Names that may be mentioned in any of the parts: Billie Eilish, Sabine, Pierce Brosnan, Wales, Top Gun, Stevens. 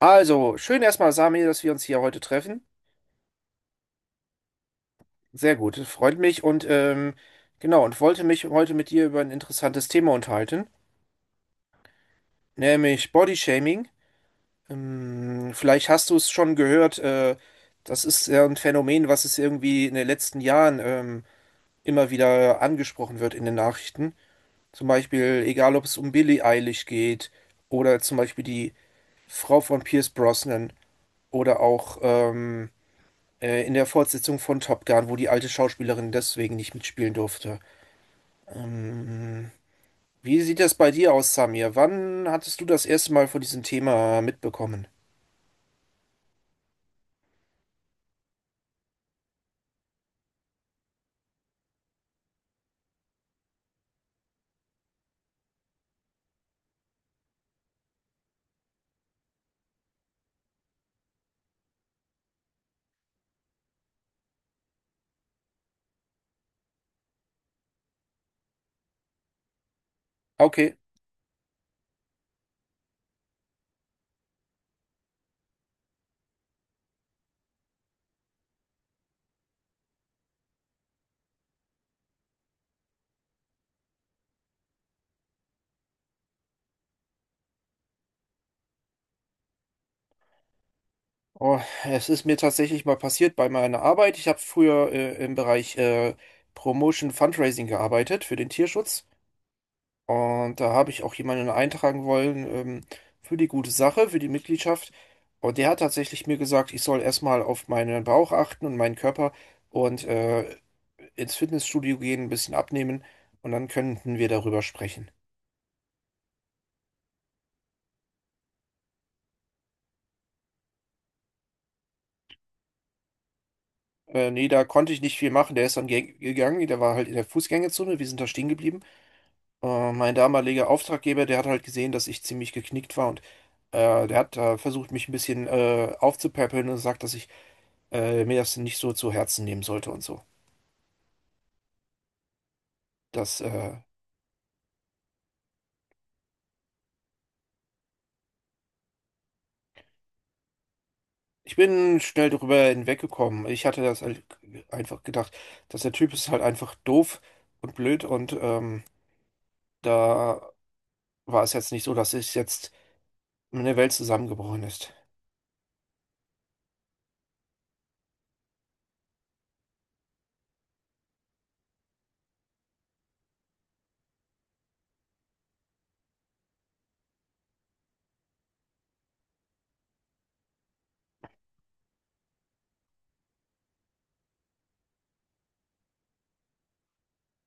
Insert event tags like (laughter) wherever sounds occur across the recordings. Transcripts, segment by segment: Also, schön erstmal, Sami, dass wir uns hier heute treffen. Sehr gut, freut mich und genau, und wollte mich heute mit dir über ein interessantes Thema unterhalten, nämlich Bodyshaming. Vielleicht hast du es schon gehört, das ist ja ein Phänomen, was es irgendwie in den letzten Jahren immer wieder angesprochen wird in den Nachrichten. Zum Beispiel, egal ob es um Billie Eilish geht oder zum Beispiel die Frau von Pierce Brosnan oder auch in der Fortsetzung von Top Gun, wo die alte Schauspielerin deswegen nicht mitspielen durfte. Ähm, wie sieht das bei dir aus, Samir? Wann hattest du das erste Mal von diesem Thema mitbekommen? Okay. Oh, es ist mir tatsächlich mal passiert bei meiner Arbeit. Ich habe früher im Bereich Promotion Fundraising gearbeitet für den Tierschutz. Und da habe ich auch jemanden eintragen wollen, für die gute Sache, für die Mitgliedschaft. Und der hat tatsächlich mir gesagt, ich soll erstmal auf meinen Bauch achten und meinen Körper und ins Fitnessstudio gehen, ein bisschen abnehmen und dann könnten wir darüber sprechen. Nee, da konnte ich nicht viel machen. Der ist dann gegangen, der war halt in der Fußgängerzone, wir sind da stehen geblieben. Mein damaliger Auftraggeber, der hat halt gesehen, dass ich ziemlich geknickt war, und der hat versucht, mich ein bisschen aufzupäppeln und sagt, dass ich mir das nicht so zu Herzen nehmen sollte und so. Das, äh, ich bin schnell darüber hinweggekommen. Ich hatte das halt einfach gedacht, dass der Typ ist halt einfach doof und blöd, und da war es jetzt nicht so, dass es jetzt eine Welt zusammengebrochen ist.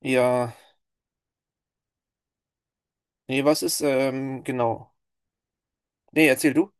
Ja, nee, genau. Nee, erzähl du.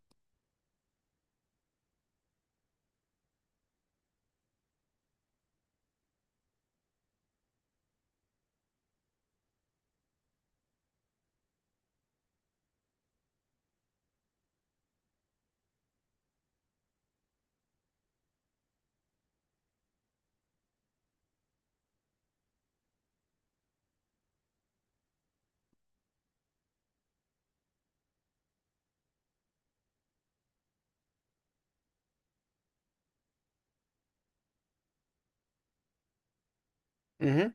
Mhm.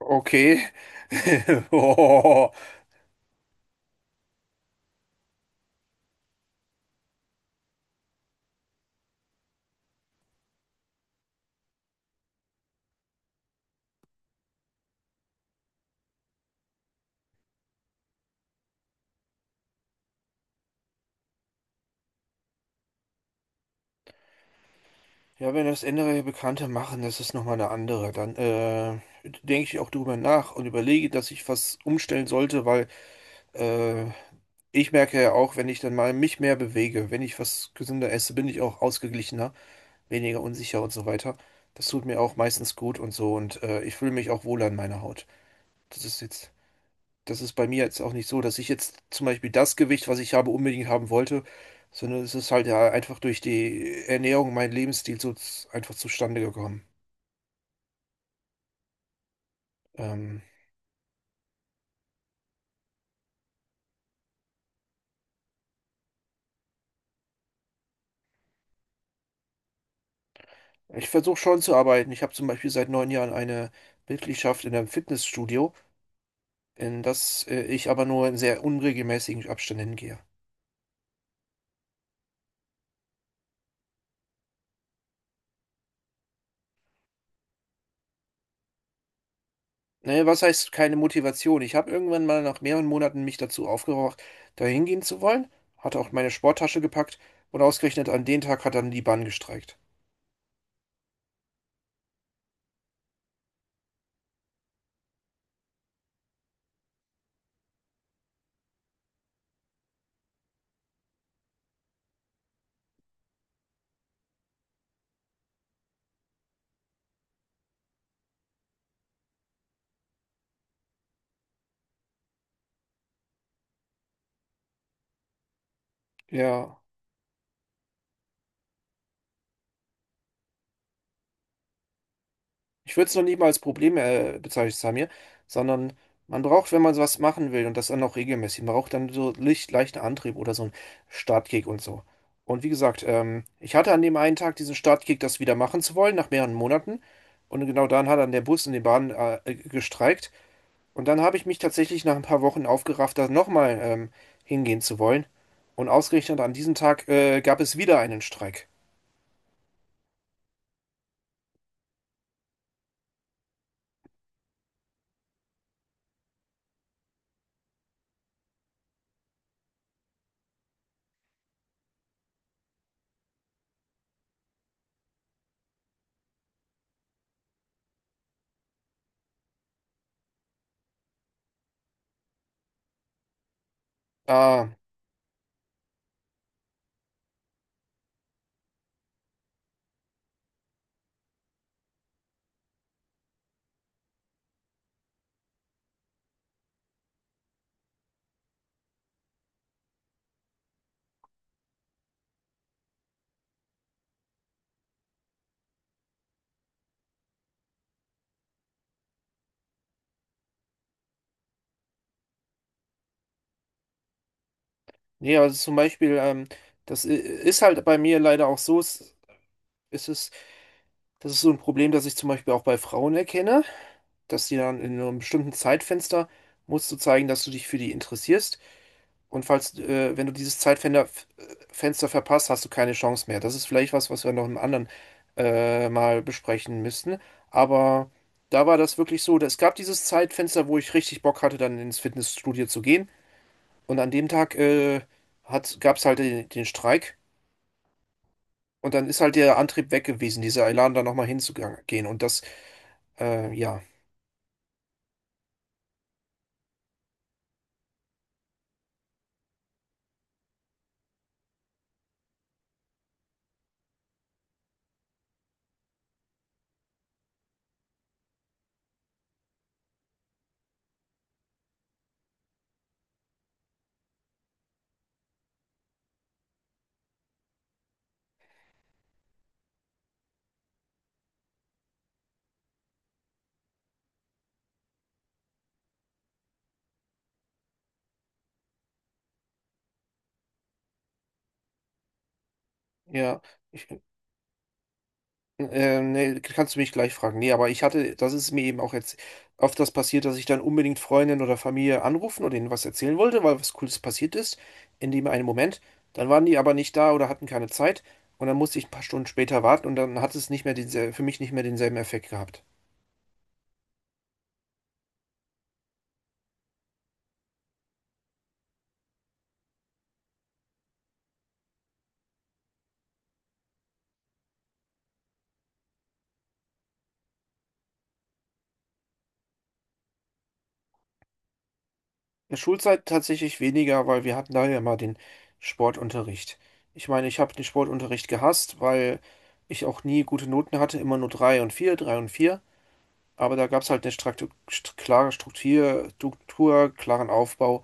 Okay. (laughs) Oh. Ja, wenn das andere Bekannte machen, das ist nochmal eine andere. Dann denke ich auch drüber nach und überlege, dass ich was umstellen sollte, weil äh, ich merke ja auch, wenn ich dann mal mich mehr bewege, wenn ich was gesünder esse, bin ich auch ausgeglichener, weniger unsicher und so weiter. Das tut mir auch meistens gut und so, und ich fühle mich auch wohler in meiner Haut. Das ist jetzt, das ist bei mir jetzt auch nicht so, dass ich jetzt zum Beispiel das Gewicht, was ich habe, unbedingt haben wollte, sondern es ist halt ja einfach durch die Ernährung, mein Lebensstil einfach zustande gekommen. Ähm, ich versuche schon zu arbeiten. Ich habe zum Beispiel seit neun Jahren eine Mitgliedschaft in einem Fitnessstudio, in das ich aber nur in sehr unregelmäßigen Abständen hingehe. Ne, was heißt keine Motivation? Ich habe irgendwann mal nach mehreren Monaten mich dazu aufgeraucht, da hingehen zu wollen, hatte auch meine Sporttasche gepackt und ausgerechnet an den Tag hat dann die Bahn gestreikt. Ja, ich würde es noch nicht mal als Problem bezeichnen, Samir, sondern man braucht, wenn man sowas machen will und das dann auch regelmäßig, man braucht dann leichten Antrieb oder so einen Startkick und so. Und wie gesagt, ich hatte an dem einen Tag diesen Startkick, das wieder machen zu wollen, nach mehreren Monaten. Und genau dann hat dann der Bus und die Bahn gestreikt. Und dann habe ich mich tatsächlich nach ein paar Wochen aufgerafft, da nochmal hingehen zu wollen. Und ausgerechnet an diesem Tag gab es wieder einen Streik. Ah, nee, also zum Beispiel, ist halt bei mir leider auch so, es ist, das ist so ein Problem, das ich zum Beispiel auch bei Frauen erkenne, dass die dann in einem bestimmten Zeitfenster musst du zeigen, dass du dich für die interessierst. Und falls, wenn du dieses Fenster verpasst, hast du keine Chance mehr. Das ist vielleicht was, was wir noch im anderen mal besprechen müssten. Aber da war das wirklich so. Es gab dieses Zeitfenster, wo ich richtig Bock hatte, dann ins Fitnessstudio zu gehen. Und an dem Tag gab es halt den Streik. Und dann ist halt der Antrieb weg gewesen, dieser Elan da nochmal hinzugehen. Und äh, ja, ja. Nee, kannst du mich gleich fragen. Nee, aber ich hatte, das ist mir eben auch jetzt oft das passiert, dass ich dann unbedingt Freundin oder Familie anrufen oder ihnen was erzählen wollte, weil was Cooles passiert ist, in dem einen Moment. Dann waren die aber nicht da oder hatten keine Zeit, und dann musste ich ein paar Stunden später warten und dann hat es nicht mehr diese, für mich nicht mehr denselben Effekt gehabt. In der Schulzeit tatsächlich weniger, weil wir hatten da ja mal den Sportunterricht. Ich meine, ich habe den Sportunterricht gehasst, weil ich auch nie gute Noten hatte, immer nur drei und vier, drei und vier. Aber da gab es halt eine Straktu st klare Struktur, klaren Aufbau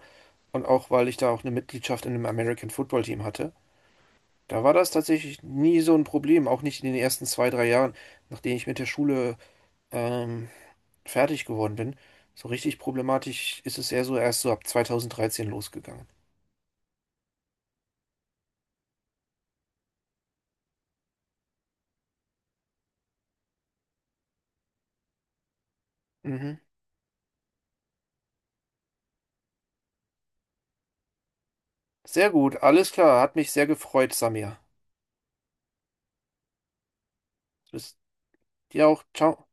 und auch, weil ich da auch eine Mitgliedschaft in einem American Football Team hatte. Da war das tatsächlich nie so ein Problem, auch nicht in den ersten zwei, drei Jahren, nachdem ich mit der Schule ähm, fertig geworden bin. So richtig problematisch ist es eher so erst so ab 2013 losgegangen. Mhm. Sehr gut, alles klar, hat mich sehr gefreut, Samir. Bis dir auch, ciao.